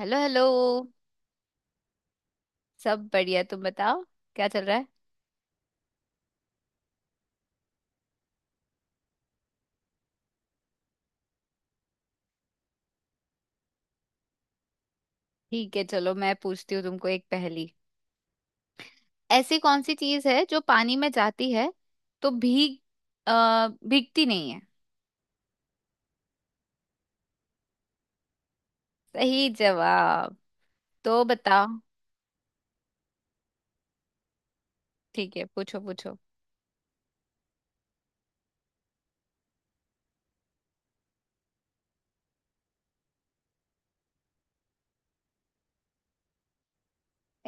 Hello hello. सब बढ़िया, तुम बताओ क्या चल रहा है। ठीक है, चलो मैं पूछती हूँ तुमको एक पहेली। ऐसी कौन सी चीज है जो पानी में जाती है तो अ, भीगती नहीं है। सही जवाब, तो बताओ। ठीक है, पूछो पूछो।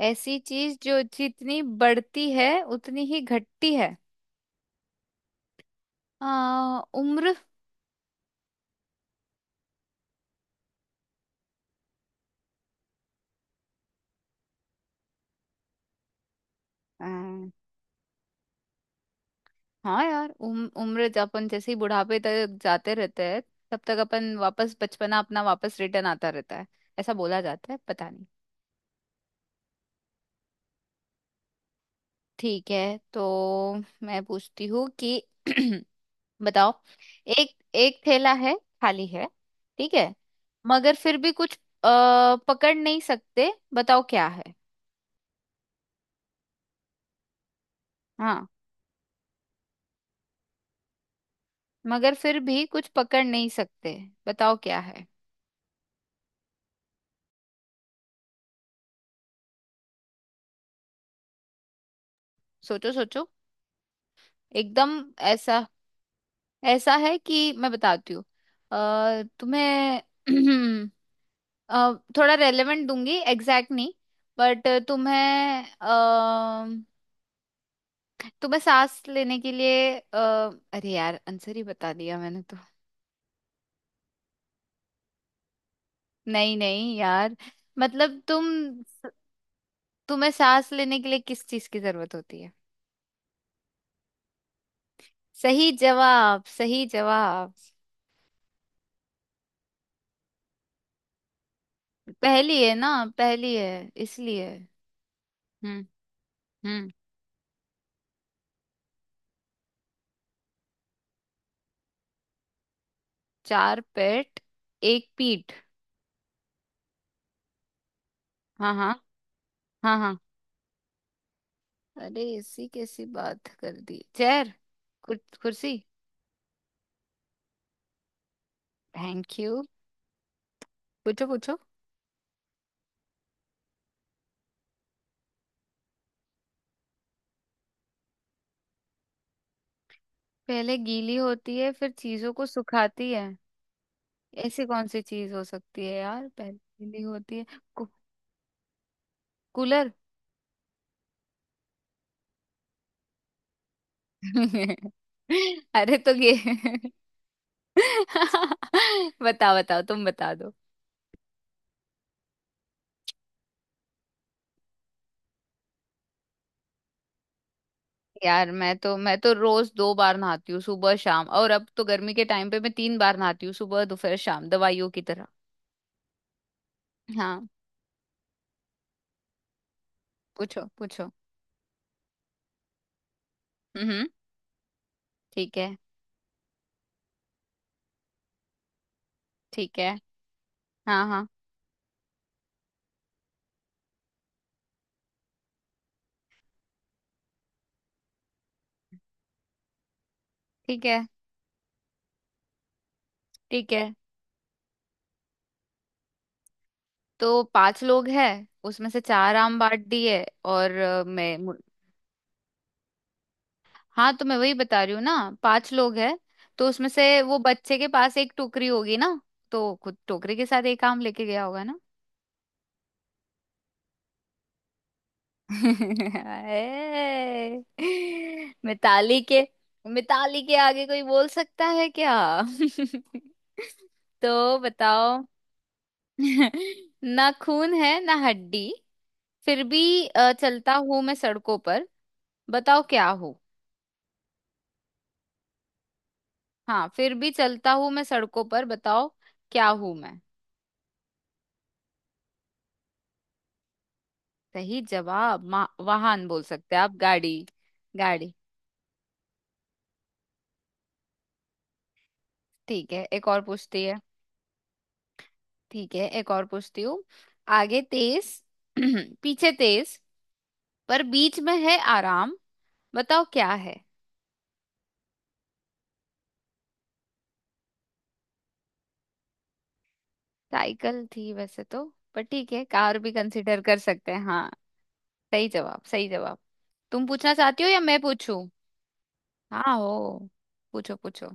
ऐसी चीज जो जितनी बढ़ती है उतनी ही घटती है। अ, उम्र। हाँ यार, उम्र, अपन जैसे ही बुढ़ापे तक जाते रहते हैं, तब तक अपन वापस बचपना अपना वापस रिटर्न आता रहता है। ऐसा बोला जाता है, पता नहीं। ठीक है, तो मैं पूछती हूँ कि बताओ। एक एक थैला है, खाली है, ठीक है, मगर फिर भी कुछ पकड़ नहीं सकते, बताओ क्या है। हाँ, मगर फिर भी कुछ पकड़ नहीं सकते, बताओ क्या है। सोचो सोचो एकदम। ऐसा ऐसा है कि मैं बताती हूँ। तुम्हें थोड़ा रेलेवेंट दूंगी, एग्जैक्ट नहीं, बट तुम्हें अ, तुम्हें सांस लेने के लिए। अरे यार आंसर ही बता दिया मैंने तो। नहीं नहीं यार, मतलब तुम, तुम्हें सांस लेने के लिए किस चीज की जरूरत होती है। सही जवाब, सही जवाब। पहली है ना, पहली है इसलिए। हम्म। हम्म। चार पेट, एक पीठ। हाँ हाँ। हाँ हाँ। अरे ऐसी कैसी बात कर दी, चेयर, कुर्सी। Thank you. पूछो पूछो। पहले गीली होती है फिर चीजों को सुखाती है। ऐसी कौन सी चीज हो सकती है यार, पहले गीली होती है। कू- कूलर। अरे तो ये। बताओ बताओ, तुम बता दो। यार मैं तो रोज दो बार नहाती हूँ, सुबह शाम, और अब तो गर्मी के टाइम पे मैं तीन बार नहाती हूँ, सुबह दोपहर शाम, दवाइयों की तरह। हाँ। पूछो पूछो। हम्म। ठीक है। ठीक है। हाँ हाँ। ठीक है। ठीक है, तो पांच लोग हैं, उसमें से चार आम बांट दिए और हाँ तो मैं वही बता रही हूँ ना। पांच लोग हैं, तो उसमें से वो बच्चे के पास एक टोकरी होगी ना, तो खुद टोकरी के साथ एक आम लेके गया होगा ना। ए, मिताली के, मिताली के आगे कोई बोल सकता है क्या। तो बताओ। ना खून है ना हड्डी, फिर भी चलता हूँ मैं सड़कों पर, बताओ क्या हूँ। हाँ, फिर भी चलता हूँ मैं सड़कों पर, बताओ क्या हूँ मैं। सही जवाब, वाहन बोल सकते हैं आप, गाड़ी। गाड़ी। ठीक है, एक और पूछती है। ठीक है, एक और पूछती हूँ। आगे तेज, पीछे तेज, पर बीच में है आराम, बताओ क्या है। साइकिल थी वैसे तो, पर ठीक है, कार भी कंसिडर कर सकते हैं, हाँ। सही जवाब, सही जवाब। तुम पूछना चाहती हो या मैं पूछूं। हाँ हो। पूछो पूछो।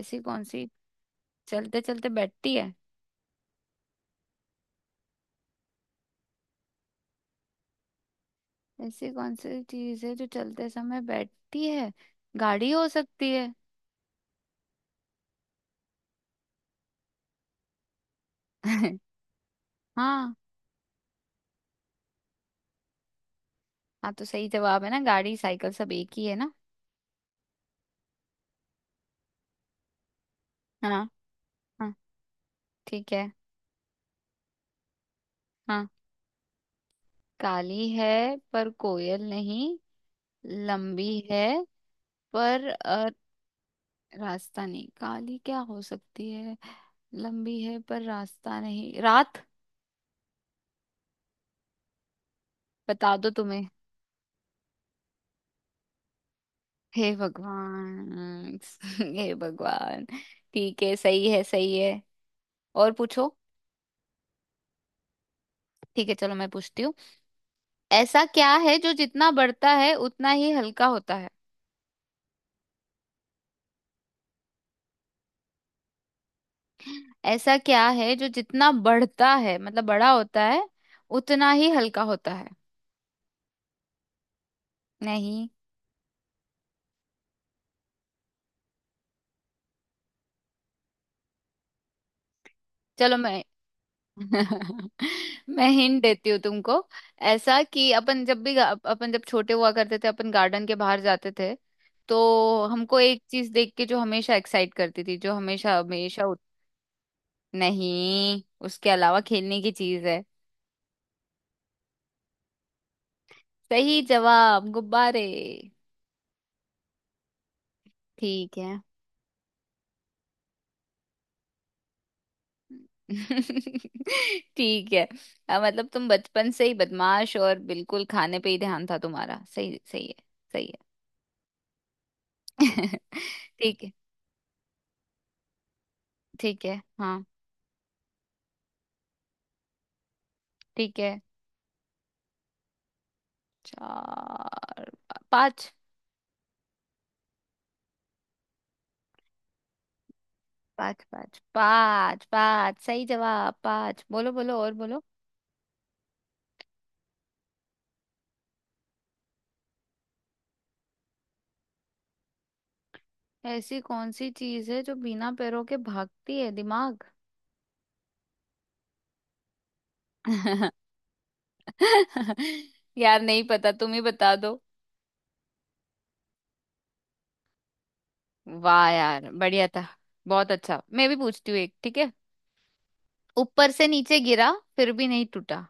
ऐसी कौन सी। चलते चलते बैठती है। ऐसी कौन सी चीज है जो चलते समय बैठती है। गाड़ी हो सकती है। हाँ। हाँ तो सही जवाब है ना, गाड़ी साइकिल सब एक ही है ना। हाँ। हाँ। ठीक है। हाँ। काली है पर कोयल नहीं। लंबी है पर रास्ता नहीं। काली क्या हो सकती है। लंबी है पर रास्ता नहीं, रात। बता दो तुम्हें। हे भगवान, हे भगवान। ठीक है, सही है, सही है। और पूछो। ठीक है, चलो मैं पूछती हूँ। ऐसा क्या है जो जितना बढ़ता है उतना ही हल्का होता है। ऐसा क्या है जो जितना बढ़ता है, मतलब बड़ा होता है, उतना ही हल्का होता है। नहीं। चलो मैं मैं हिंट देती हूँ तुमको। ऐसा कि अपन जब भी अपन जब छोटे हुआ करते थे, अपन गार्डन के बाहर जाते थे, तो हमको एक चीज देख के जो हमेशा एक्साइट करती थी, जो हमेशा हमेशा उत... नहीं, उसके अलावा, खेलने की चीज है। सही जवाब, गुब्बारे। ठीक है। ठीक है। मतलब तुम बचपन से ही बदमाश, और बिल्कुल खाने पे ही ध्यान था तुम्हारा, सही, सही है। सही। है ठीक है। ठीक है। हाँ। ठीक है। चार, पांच। पाँच पाँच पांच पांच, सही जवाब पांच, बोलो बोलो और बोलो। ऐसी कौन सी चीज है जो बिना पैरों के भागती है, दिमाग। यार नहीं पता, तुम ही बता दो। वाह यार बढ़िया था। बहुत अच्छा, मैं भी पूछती हूँ एक, ठीक है। ऊपर से नीचे गिरा, फिर भी नहीं टूटा।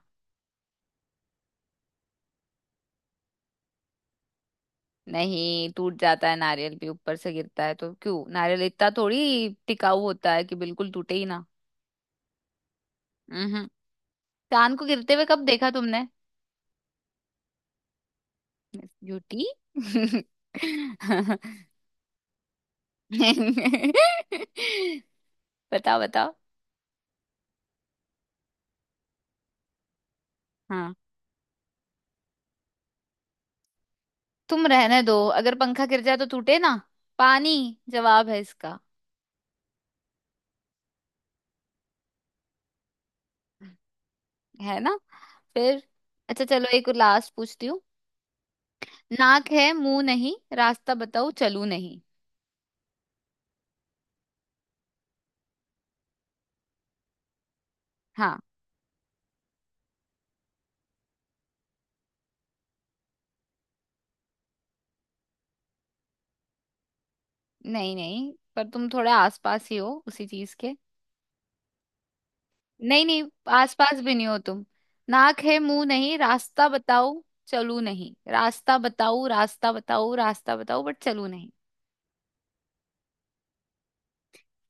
नहीं, टूट जाता है, नारियल भी ऊपर से गिरता है तो क्यों, नारियल इतना थोड़ी टिकाऊ होता है कि बिल्कुल टूटे ही ना। हम्म। चांद को गिरते हुए कब देखा तुमने। झूठी। बताओ बताओ। हाँ। तुम रहने दो, अगर पंखा गिर जाए तो टूटे ना। पानी जवाब है इसका। है ना। फिर। अच्छा चलो, एक लास्ट पूछती हूँ। नाक है मुंह नहीं, रास्ता बताओ चलू नहीं। हाँ। नहीं नहीं, पर तुम थोड़े आसपास ही हो उसी चीज के। नहीं नहीं। आसपास भी नहीं हो तुम। नाक है मुंह नहीं, रास्ता बताओ चलू नहीं, रास्ता बताओ, रास्ता बताओ, रास्ता बताओ, बट चलू नहीं।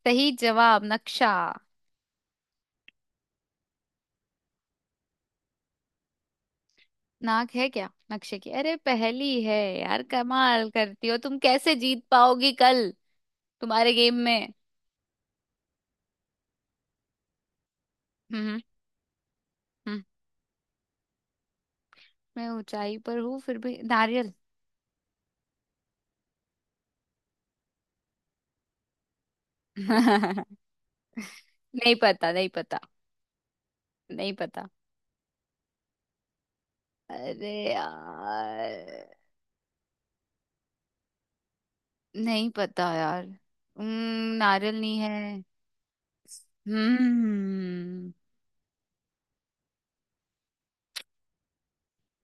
सही जवाब, नक्शा। नाक है क्या नक्शे की, अरे पहली है। यार कमाल करती हो तुम, कैसे जीत पाओगी कल तुम्हारे गेम में। हम्म। हम्म। हम्म। मैं ऊंचाई पर हूँ, फिर भी, नारियल। नहीं पता, नहीं पता, नहीं पता। अरे यार, नहीं पता यार। हम्म, नारियल नहीं है। हम्म।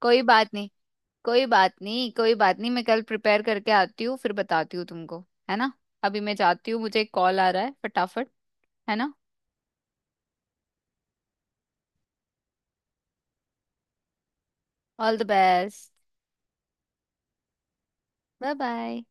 कोई बात नहीं, कोई बात नहीं, कोई बात नहीं, मैं कल प्रिपेयर करके आती हूँ, फिर बताती हूँ तुमको। है ना। अभी मैं जाती हूँ, मुझे एक कॉल आ रहा है, फटाफट। है ना। All the best. Bye bye.